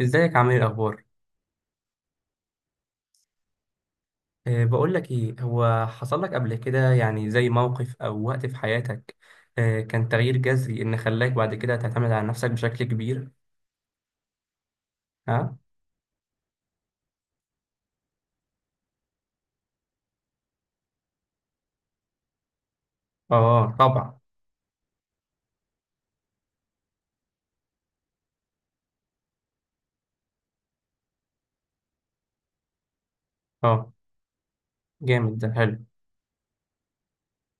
ازيك، عامل ايه، الاخبار؟ بقول لك ايه، هو حصل لك قبل كده يعني زي موقف او وقت في حياتك؟ كان تغيير جذري ان خلاك بعد كده تعتمد على نفسك بشكل كبير؟ ها. اه، طبعا. اه، جامد، ده حلو.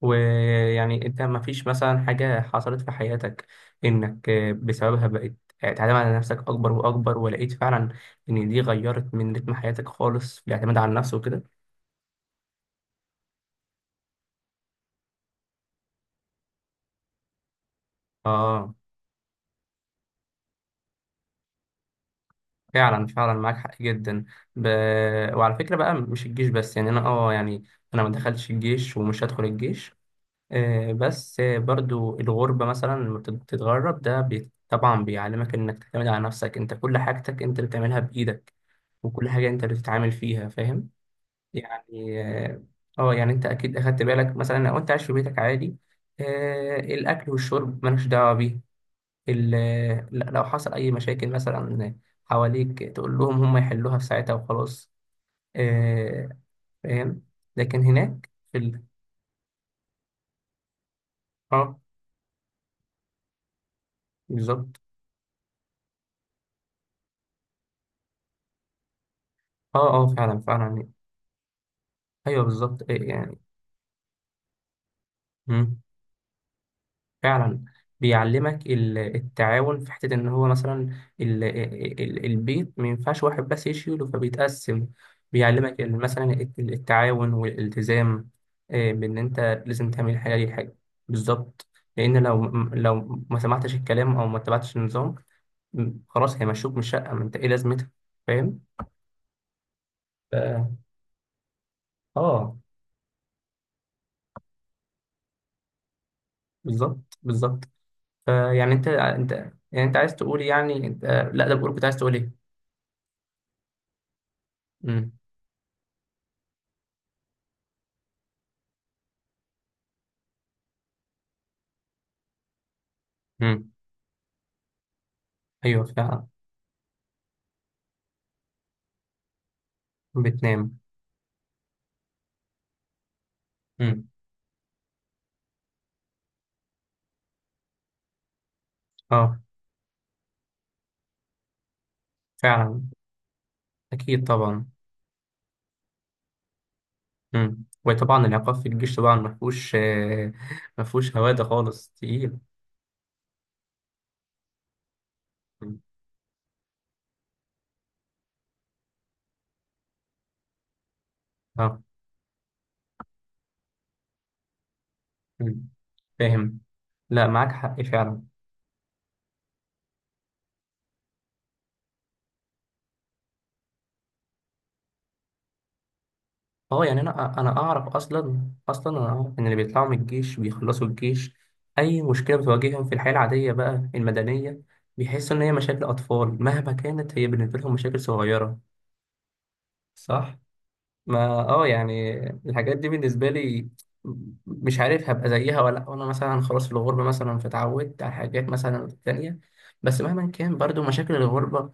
ويعني انت، ما فيش مثلا حاجة حصلت في حياتك انك بسببها بقيت، تعتمد على نفسك اكبر واكبر، ولقيت فعلا ان دي غيرت من رتم حياتك خالص في الاعتماد على النفس وكده؟ اه، فعلا فعلا، معاك حق جدا. ب... وعلى فكرة بقى، مش الجيش بس، يعني انا يعني انا ما دخلتش الجيش، ومش هدخل الجيش. بس برضو الغربة، مثلا لما بتتغرب ده طبعا بيعلمك انك تعتمد على نفسك، انت كل حاجتك انت اللي بتعملها بايدك. وكل حاجة انت اللي بتتعامل فيها، فاهم؟ يعني، اه. يعني انت اكيد اخدت بالك، مثلا لو انت عايش في بيتك عادي، الاكل والشرب مالكش دعوة بيه. ال- لو حصل أي مشاكل مثلا حواليك، تقول لهم هم يحلوها في ساعتها وخلاص. آه، فاهم؟ لكن هناك في اه، بالظبط. اه اه، فعلا فعلا. أيوه، بالظبط، إيه يعني. مم. فعلا. بيعلمك التعاون في حتة إن هو مثلا، البيت ما ينفعش واحد بس يشيله، فبيتقسم. بيعلمك إن مثلا التعاون والالتزام. بإن أنت لازم تعمل حاجة، دي حاجة. بالظبط. لأن لو ما سمعتش الكلام أو ما تبعتش النظام، خلاص هيمشوك من الشقة، ما أنت إيه لازمتها؟ فاهم؟ ف- آه بالظبط، بالظبط. فيعني أنت يعني أنت عايز تقول، يعني أنت. لا، ده بقول كنت عايز تقول إيه؟ مم. مم. أيوة، فعلا. بتنام. مم. أه، فعلا. أكيد، طبعا. مم. وطبعا العقاب في الجيش طبعا مفهوش، مفهوش هوادة خالص، تقيل. مم. أه. مم. فاهم. لا، معاك حق فعلا. أه، يعني أنا أعرف أصلا، أصلا أنا أعرف إن اللي بيطلعوا من الجيش بيخلصوا الجيش، أي مشكلة بتواجههم في الحياة العادية بقى المدنية، بيحسوا إن هي مشاكل أطفال، مهما كانت هي بالنسبة لهم مشاكل صغيرة. صح؟ ما يعني الحاجات دي بالنسبة لي، مش عارف هبقى زيها ولا لأ. وانا مثلا خلاص في الغربة مثلا، فتعودت على حاجات مثلا تانية. بس مهما كان، برضو مشاكل الغربة،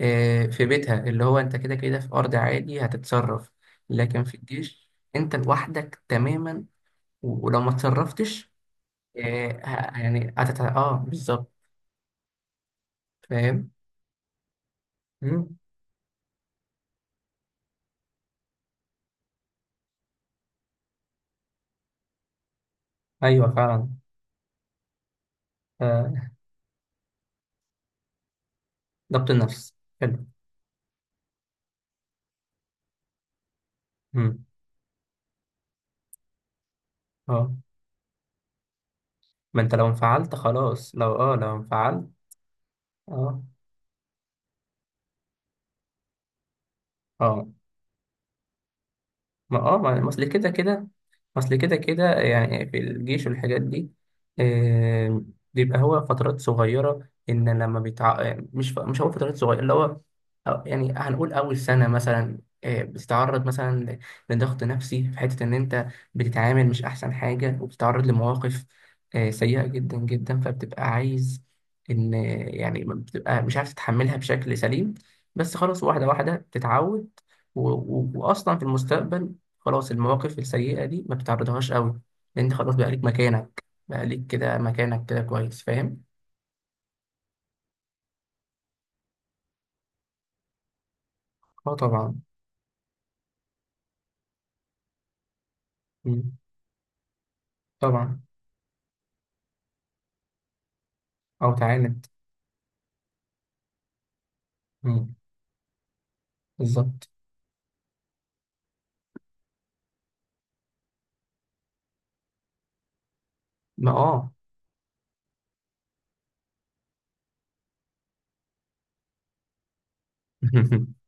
في بيتها اللي هو انت كده كده في ارض عادي هتتصرف. لكن في الجيش، انت لوحدك تماما. ولو ما اتصرفتش، يعني بالظبط. فاهم. مم. ايوه، فعلا. آه، ضبط النفس. حلو. مم. اه، ما انت لو انفعلت خلاص، لو انفعلت. اه اه. ما اصل كده كده، اصل كده كده يعني في الجيش والحاجات دي. آه، بيبقى هو فترات صغيرة، إن لما بيتع آه، مش هقول فترات صغيرة، اللي هو، يعني هنقول أول سنة مثلا، بتتعرض مثلا لضغط نفسي، في حتة إن أنت بتتعامل مش أحسن حاجة، وبتتعرض لمواقف سيئة جدا جدا، فبتبقى عايز إن، يعني، بتبقى مش عارف تتحملها بشكل سليم. بس خلاص، واحدة واحدة بتتعود. وأصلا في المستقبل، خلاص المواقف السيئة دي ما بتعرضهاش قوي، لأن أنت خلاص بقى ليك مكانك، بقى ليك كده مكانك كده كويس، فاهم؟ اه، طبعا. مم. طبعا. أو تعاند. مم. بالظبط. ما اه.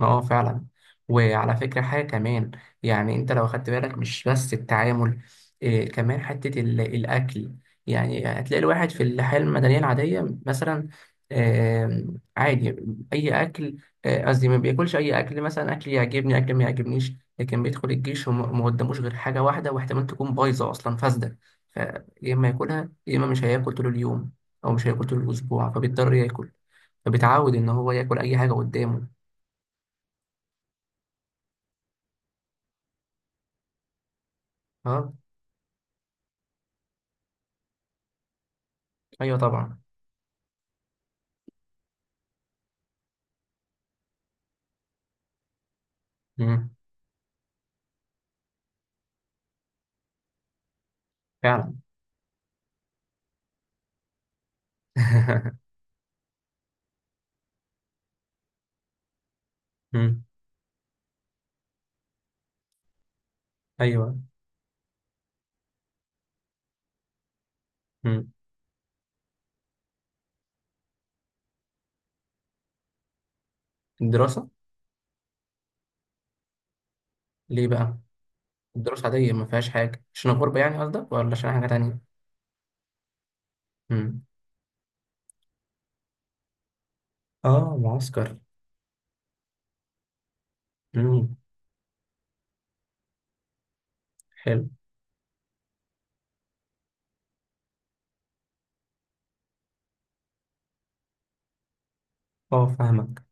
اه، فعلا. وعلى فكرة حاجة كمان، يعني انت لو خدت بالك، مش بس التعامل، إيه كمان، حتة الأكل. يعني هتلاقي الواحد في الحياة المدنية العادية مثلا، عادي، أي أكل، قصدي ما بياكلش أي أكل، مثلا أكل يعجبني أكل ما يعجبنيش. لكن بيدخل الجيش، وما ما قداموش غير حاجة واحدة، واحتمال تكون بايظة أصلا، فاسدة. فيا إما ياكلها، يا إما مش هياكل طول اليوم، أو مش هياكل طول الأسبوع، فبيضطر ياكل. فبيتعود إن هو ياكل أي حاجة قدامه. اه. ايوه، طبعا. امم. فعلا. امم. ايوه. امم. الدراسه. ليه بقى؟ الدراسه عاديه ما فيهاش حاجه، عشان الغربه يعني قصدك، ولا عشان حاجه تانية؟ امم. اه، معسكر. امم. حلو. اه، فاهمك.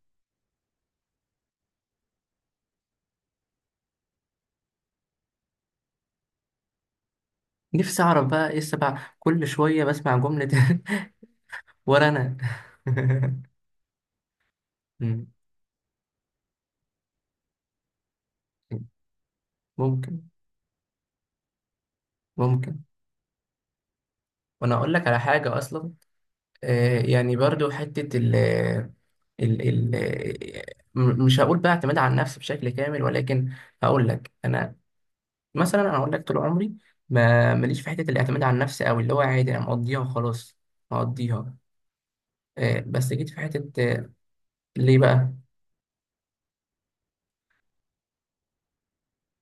نفسي اعرف بقى ايه السبع، كل شويه بسمع جمله. ورا انا. أمم. ممكن، ممكن. وانا اقول لك على حاجه اصلا. يعني برضو حته ال ال ال مش هقول بقى اعتماد على النفس بشكل كامل، ولكن هقول لك انا. مثلا انا اقول لك، طول عمري ما ماليش في حته الاعتماد على النفس قوي، اللي هو عادي انا مقضيها وخلاص. مقضيها. بس جيت في حته، ليه بقى؟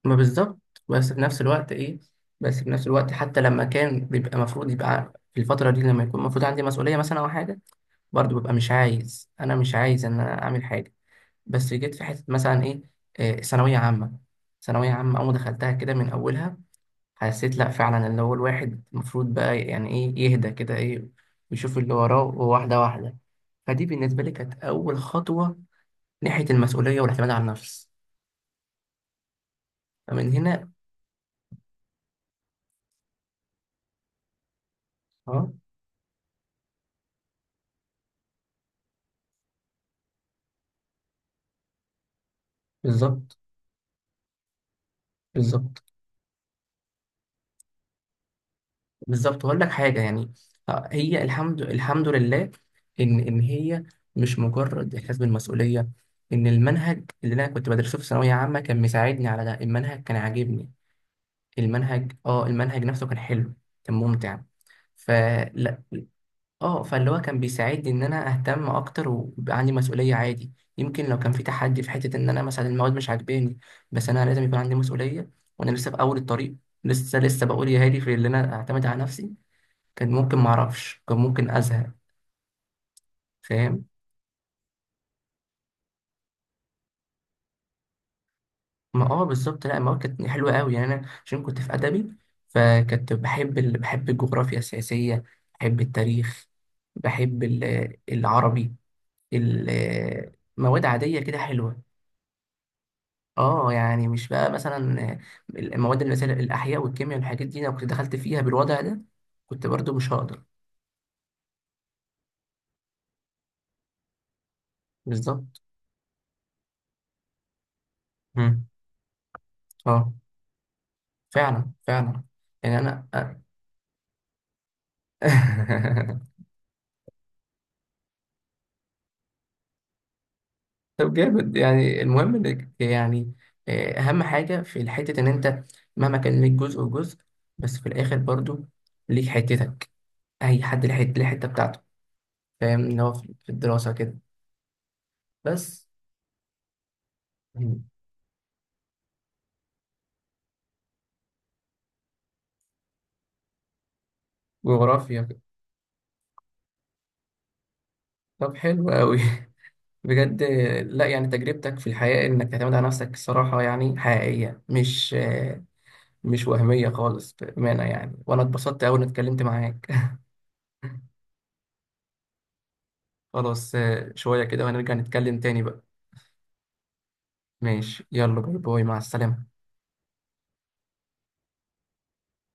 ما بالظبط، بس في نفس الوقت، ايه. بس في نفس الوقت حتى لما كان بيبقى المفروض يبقى في الفتره دي، لما يكون المفروض عندي مسؤوليه مثلا او حاجه، برضو ببقى مش عايز، انا مش عايز ان انا اعمل حاجه. بس جيت في حته مثلا ايه، ثانويه عامه. ثانويه عامه، اول ما دخلتها كده من اولها، حسيت لأ فعلا، اللي هو الواحد المفروض بقى يعني إيه، يهدى كده، إيه، ويشوف اللي وراه واحدة واحدة. فدي بالنسبة لي كانت أول خطوة ناحية المسؤولية والاعتماد على النفس. فمن هنا. أه، بالظبط. بالظبط، بالظبط. وأقول لك حاجة يعني، هي، الحمد لله، إن هي مش مجرد إحساس بالمسؤولية، إن المنهج اللي أنا كنت بدرسه في ثانوية عامة كان مساعدني على ده. المنهج كان عاجبني، المنهج نفسه كان حلو، كان ممتع. فلا. اه، فاللي هو كان بيساعدني ان انا اهتم اكتر، ويبقى عندي مسؤوليه عادي. يمكن لو كان في تحدي في حته ان انا مثلا المواد مش عاجباني، بس انا لازم يكون عندي مسؤوليه، وانا لسه في اول الطريق، لسه بقول يا هادي في اللي انا اعتمد على نفسي، كان ممكن ما اعرفش، كان ممكن ازهق. فاهم. ما اه بالظبط. لا، المواد كانت حلوه قوي، يعني انا عشان كنت في ادبي، فكنت بحب بحب الجغرافيا السياسيه، بحب التاريخ، بحب العربي، مواد عاديه كده حلوه. اه، يعني مش بقى مثلا المواد اللي مثلا الاحياء والكيمياء والحاجات دي، لو كنت دخلت فيها بالوضع ده، كنت برضو مش هقدر. بالظبط. مم. اه، فعلا فعلا. يعني انا. طب جامد، يعني المهم انك يعني، اهم حاجه في الحته ان انت مهما كان ليك جزء وجزء، بس في الاخر برضو ليك حتتك، اي حد ليه حته، ليه حته بتاعته. فاهم ان هو في الدراسه كده. بس. مم. جغرافيا. طب حلو قوي. بجد. لا يعني تجربتك في الحياة إنك تعتمد على نفسك، الصراحة يعني حقيقية، مش وهمية خالص، بأمانة يعني، وأنا اتبسطت أوي إني اتكلمت معاك. خلاص، شوية كده وهنرجع نتكلم تاني بقى. ماشي، يلا، باي باي، مع السلامة.